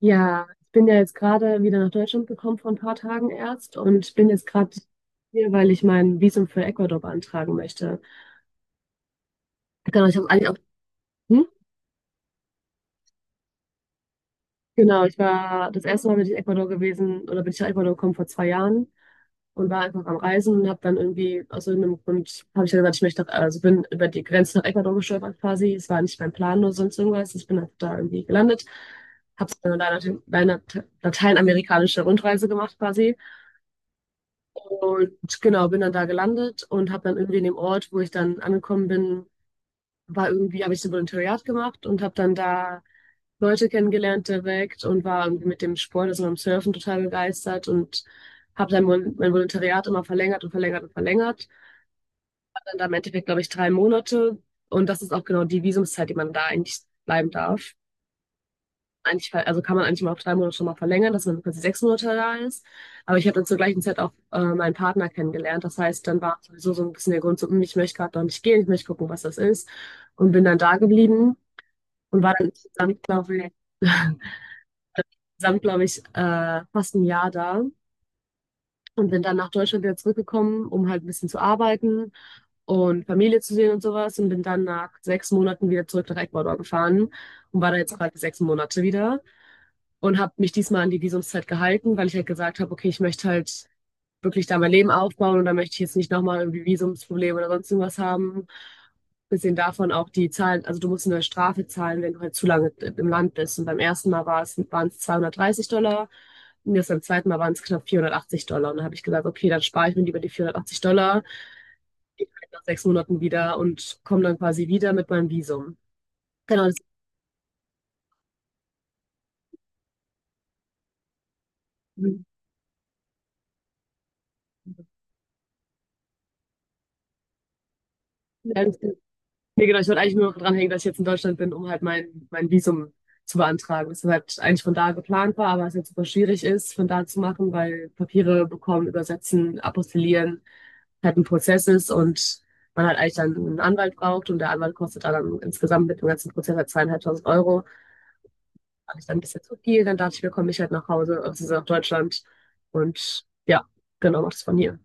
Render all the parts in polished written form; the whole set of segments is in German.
Ja, ich bin ja jetzt gerade wieder nach Deutschland gekommen vor ein paar Tagen erst und bin jetzt gerade hier, weil ich mein Visum für Ecuador beantragen möchte. Genau, ich habe eigentlich auch, hm? Genau, ich war das erste Mal bin ich in Ecuador gewesen oder bin ich nach Ecuador gekommen vor 2 Jahren und war einfach am Reisen und habe dann irgendwie aus irgendeinem Grund habe ich dann gesagt, ich möchte nach, also bin über die Grenze nach Ecuador gestolpert quasi. Es war nicht mein Plan oder sonst irgendwas. Ich bin einfach da irgendwie gelandet, habe dann eine Lateinamerikanische Rundreise gemacht quasi. Und genau, bin dann da gelandet und habe dann irgendwie in dem Ort, wo ich dann angekommen bin, war irgendwie, habe ich so ein Volontariat gemacht und habe dann da Leute kennengelernt direkt und war irgendwie mit dem Sport, also mit dem Surfen total begeistert und habe dann mein Volontariat immer verlängert und verlängert und verlängert. Dann da im Endeffekt, glaube ich, 3 Monate. Und das ist auch genau die Visumszeit, die man da eigentlich bleiben darf eigentlich, also kann man eigentlich mal auf 3 Monate schon mal verlängern, dass man quasi 6 Monate da ist. Aber ich habe dann zur gleichen Zeit auch meinen Partner kennengelernt. Das heißt, dann war sowieso so ein bisschen der Grund, so, hm, ich möchte gerade noch nicht gehen, ich möchte gucken, was das ist. Und bin dann da geblieben und war dann insgesamt, glaube ich, fast ein Jahr da. Und bin dann nach Deutschland wieder zurückgekommen, um halt ein bisschen zu arbeiten und Familie zu sehen und sowas. Und bin dann nach 6 Monaten wieder zurück nach Ecuador gefahren und war da jetzt gerade 6 Monate wieder. Und habe mich diesmal an die Visumszeit gehalten, weil ich halt gesagt habe, okay, ich möchte halt wirklich da mein Leben aufbauen und da möchte ich jetzt nicht nochmal irgendwie Visumsprobleme oder sonst irgendwas haben. Bisschen davon auch die Zahlen, also du musst eine Strafe zahlen, wenn du halt zu lange im Land bist. Und beim ersten Mal war es, waren es 230 Dollar und jetzt beim zweiten Mal waren es knapp 480 Dollar. Und dann habe ich gesagt, okay, dann spare ich mir lieber die 480 Dollar, die kann ich nach 6 Monaten wieder und komme dann quasi wieder mit meinem Visum. Genau, das Ne, genau, ich wollte eigentlich nur dranhängen, dass ich jetzt in Deutschland bin, um halt mein Visum zu beantragen. Das halt eigentlich von da geplant war, aber es jetzt super schwierig ist, von da zu machen, weil Papiere bekommen, übersetzen, apostillieren halt ein Prozess ist und man halt eigentlich dann einen Anwalt braucht und der Anwalt kostet dann, insgesamt mit dem ganzen Prozess halt 2.500 Euro. Fand ich dann ein bisschen zu viel, dann dachte ich mir, komm ich halt nach Hause, also nach Deutschland und ja, genau, mach das von hier.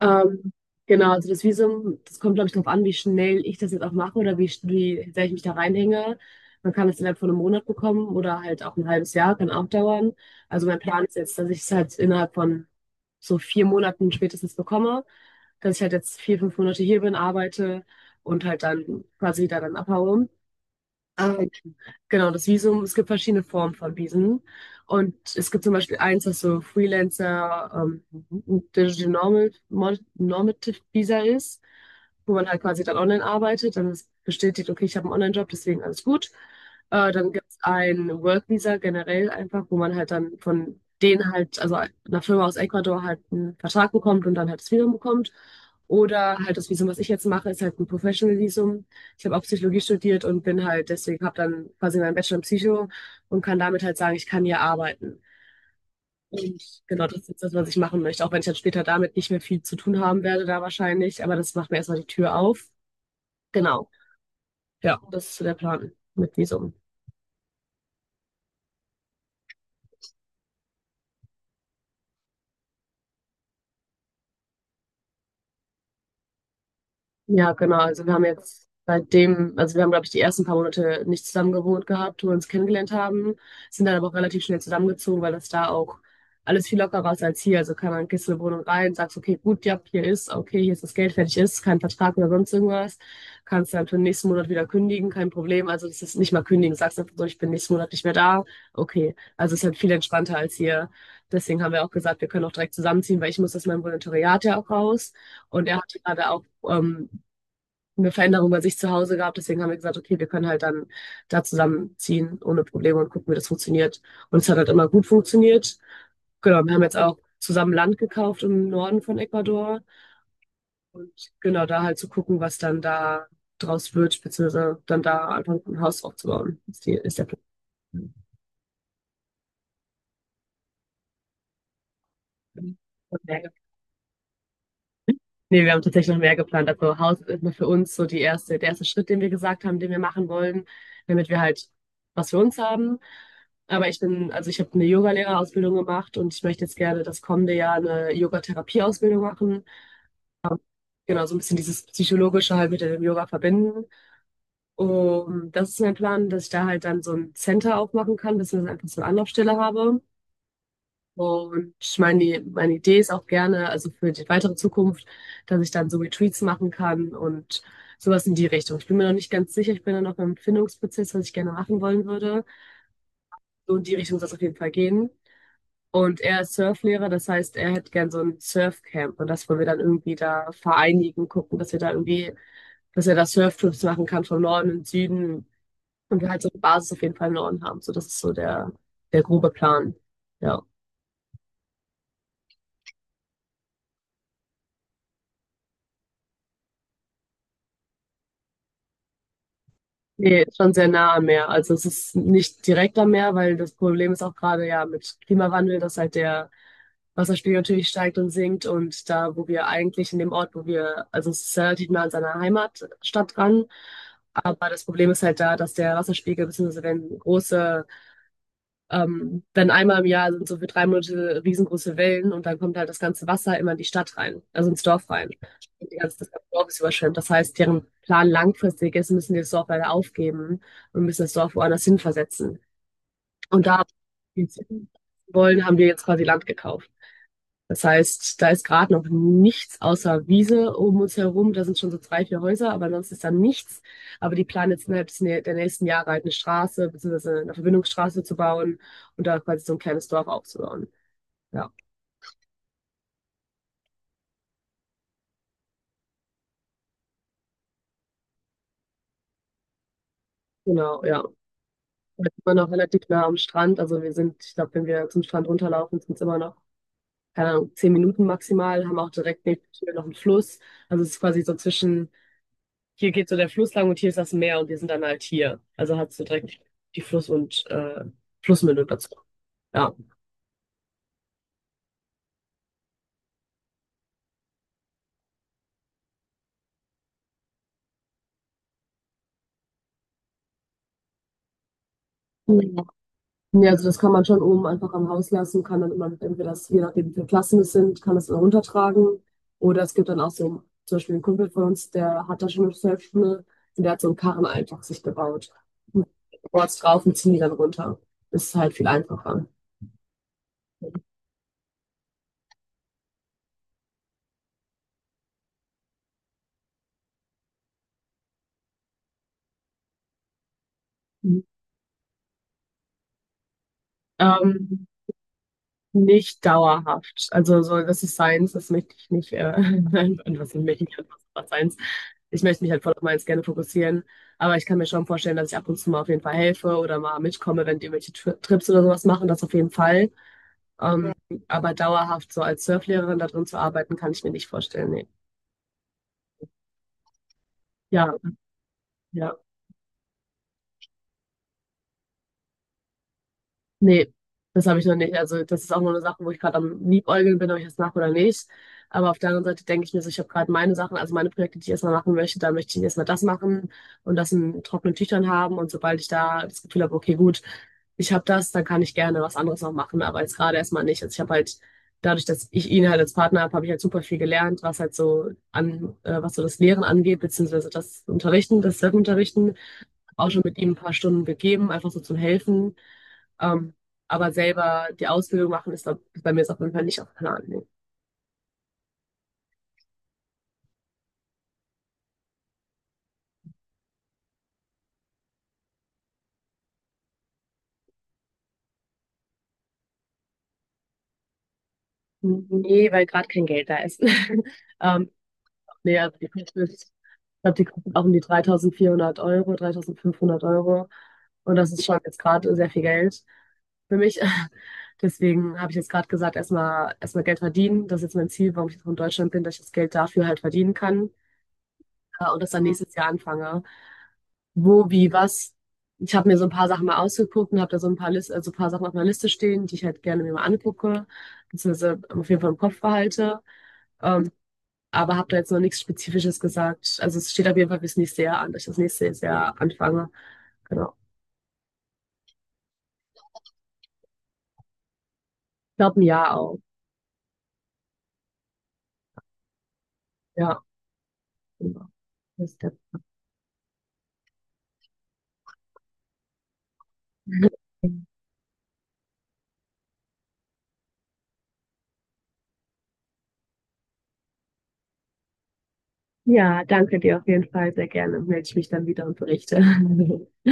Ähm, genau, also das Visum, das kommt, glaube ich, darauf an, wie schnell ich das jetzt auch mache oder wie, wie sehr ich mich da reinhänge. Man kann es innerhalb von einem Monat bekommen oder halt auch ein halbes Jahr, kann auch dauern. Also mein Plan ist jetzt, dass ich es halt innerhalb von so 4 Monaten spätestens bekomme, dass ich halt jetzt 4, 5 Monate hier bin, arbeite und halt dann quasi da dann abhaue. Genau, das Visum, es gibt verschiedene Formen von Visen. Und es gibt zum Beispiel eins, das so Freelancer, Digital Normal, Normative Visa ist, wo man halt quasi dann online arbeitet, dann ist bestätigt, okay, ich habe einen Online-Job, deswegen alles gut. Dann gibt es ein Work Visa generell einfach, wo man halt dann von denen halt, also einer Firma aus Ecuador halt einen Vertrag bekommt und dann halt das Visum bekommt. Oder halt das Visum, was ich jetzt mache, ist halt ein Professional Visum. Ich habe auch Psychologie studiert und bin halt, deswegen habe dann quasi meinen Bachelor in Psycho und kann damit halt sagen, ich kann hier arbeiten. Und genau, das ist jetzt das, was ich machen möchte, auch wenn ich dann später damit nicht mehr viel zu tun haben werde, da wahrscheinlich. Aber das macht mir erstmal die Tür auf. Genau, ja, das ist so der Plan mit Visum. Ja, genau. Also wir haben jetzt seitdem, also wir haben, glaube ich, die ersten paar Monate nicht zusammen gewohnt gehabt, wo wir uns kennengelernt haben, sind dann aber auch relativ schnell zusammengezogen, weil das da auch alles viel lockerer ist als hier. Also kann man gehst in eine Wohnung rein, sagst, okay, gut, ja, hier ist, okay, hier ist das Geld, fertig ist, kein Vertrag oder sonst irgendwas. Kannst dann für den nächsten Monat wieder kündigen, kein Problem. Also das ist nicht mal kündigen, sagst einfach so, ich bin nächsten Monat nicht mehr da. Okay. Also es ist halt viel entspannter als hier. Deswegen haben wir auch gesagt, wir können auch direkt zusammenziehen, weil ich muss aus meinem Volontariat ja auch raus. Und er hat gerade auch ähm, eine Veränderung bei sich zu Hause gab. Deswegen haben wir gesagt, okay, wir können halt dann da zusammenziehen ohne Probleme und gucken, wie das funktioniert. Und es hat halt immer gut funktioniert. Genau, wir haben jetzt auch zusammen Land gekauft im Norden von Ecuador. Und genau da halt zu gucken, was dann da draus wird, beziehungsweise dann da einfach ein Haus aufzubauen, ist, die, ist der Plan. Ne, wir haben tatsächlich noch mehr geplant. Also Haus ist nur für uns so die erste, der erste Schritt, den wir gesagt haben, den wir machen wollen, damit wir halt was für uns haben. Aber ich bin, also ich habe eine Yogalehrerausbildung gemacht und ich möchte jetzt gerne das kommende Jahr eine Yogatherapieausbildung machen. Genau, so ein bisschen dieses Psychologische halt mit dem Yoga verbinden. Und das ist mein Plan, dass ich da halt dann so ein Center aufmachen kann, dass ich einfach so eine Anlaufstelle habe. Und meine Idee ist auch gerne, also für die weitere Zukunft, dass ich dann so Retreats machen kann und sowas in die Richtung. Ich bin mir noch nicht ganz sicher, ich bin da noch im Findungsprozess, was ich gerne machen wollen würde. So in die Richtung soll es auf jeden Fall gehen. Und er ist Surflehrer, das heißt, er hätte gern so ein Surfcamp und das wollen wir dann irgendwie da vereinigen, gucken, dass wir da irgendwie, dass er da Surftrips machen kann vom Norden und Süden und wir halt so eine Basis auf jeden Fall im Norden haben. So, das ist so der grobe Plan. Ja. Nee, ist schon sehr nah am Meer. Also es ist nicht direkt am Meer, weil das Problem ist auch gerade ja mit Klimawandel, dass halt der Wasserspiegel natürlich steigt und sinkt. Und da, wo wir eigentlich in dem Ort, wo wir, also es ist relativ nah an seiner Heimatstadt dran. Aber das Problem ist halt da, dass der Wasserspiegel, beziehungsweise wenn große dann einmal im Jahr sind so für 3 Monate riesengroße Wellen und dann kommt halt das ganze Wasser immer in die Stadt rein, also ins Dorf rein. Und die ganze, das ganze Dorf ist überschwemmt. Das heißt, deren Plan langfristig ist, müssen die das Dorf leider aufgeben und müssen das Dorf woanders hin versetzen. Und da die ziehen wollen, haben wir jetzt quasi Land gekauft. Das heißt, da ist gerade noch nichts außer Wiese um uns herum. Da sind schon so 3, 4 Häuser, aber sonst ist da nichts. Aber die planen jetzt innerhalb des der nächsten Jahre halt eine Straße, beziehungsweise eine Verbindungsstraße zu bauen und da quasi so ein kleines Dorf aufzubauen. Ja, genau, ja. Und das ist immer noch relativ nah am Strand. Also wir sind, ich glaube, wenn wir zum Strand runterlaufen, sind es immer noch, keine Ahnung, 10 Minuten maximal, haben auch direkt neben der Tür noch einen Fluss. Also es ist quasi so zwischen hier geht so der Fluss lang und hier ist das Meer und wir sind dann halt hier. Also hat so direkt die Fluss- und Flussmündung dazu. Ja. Ja, also das kann man schon oben einfach am Haus lassen, kann dann immer, entweder das, je nachdem wie viele Klassen es sind, kann das dann runtertragen. Oder es gibt dann auch so, zum Beispiel ein Kumpel von uns, der hat da schon eine Surfschule und der hat so einen Karren einfach sich gebaut. Und Boards drauf und ziehen die dann runter. Ist halt viel einfacher. Ähm, Nicht dauerhaft. Also so, das ist Science, das möchte ich nicht, und was möchte ich nicht, was Science. Ich möchte mich halt voll auf meins gerne fokussieren, aber ich kann mir schon vorstellen, dass ich ab und zu mal auf jeden Fall helfe oder mal mitkomme, wenn die irgendwelche Trips oder sowas machen, das auf jeden Fall. Ähm, aber dauerhaft so als Surflehrerin da drin zu arbeiten, kann ich mir nicht vorstellen, nee. Ja, ja. Nee, das habe ich noch nicht. Also das ist auch nur eine Sache, wo ich gerade am Liebäugeln bin, ob ich das mache oder nicht. Aber auf der anderen Seite denke ich mir so, ich habe gerade meine Sachen, also meine Projekte, die ich erstmal machen möchte, da möchte ich erstmal das machen und das in trockenen Tüchern haben. Und sobald ich da das Gefühl habe, okay, gut, ich habe das, dann kann ich gerne was anderes noch machen. Aber jetzt gerade erstmal nicht. Also ich habe halt, dadurch, dass ich ihn halt als Partner habe, habe ich halt super viel gelernt, was halt so an, was so das Lehren angeht, beziehungsweise das Unterrichten, das Self-Unterrichten, auch schon mit ihm ein paar Stunden gegeben, einfach so zum Helfen. Ähm, aber selber die Ausbildung machen ist bei mir ist auf jeden Fall nicht auf dem Plan. Nee, nee, weil gerade kein Geld da ist. ähm, Nee also die Kosten ich glaube, die kostet auch um die 3.400 Euro, 3.500 Euro. Und das ist schon jetzt gerade sehr viel Geld für mich. Deswegen habe ich jetzt gerade gesagt, erstmal Geld verdienen. Das ist jetzt mein Ziel, warum ich jetzt auch in Deutschland bin, dass ich das Geld dafür halt verdienen kann. Und das dann nächstes Jahr anfange. Wo, wie, was. Ich habe mir so ein paar Sachen mal ausgeguckt und habe da so ein paar List, also ein paar Sachen auf meiner Liste stehen, die ich halt gerne mir mal angucke, beziehungsweise auf jeden Fall im Kopf behalte. Ähm, aber habe da jetzt noch nichts Spezifisches gesagt. Also es steht auf jeden Fall fürs nächste Jahr an, dass ich das nächste Jahr anfange. Genau. Ich glaube ein Jahr auch. Ja, genau. Das ist der Plan. Ja, danke dir auf jeden Fall sehr gerne. Melde ich mich dann wieder und berichte.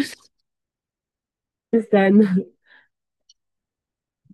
Bis dann.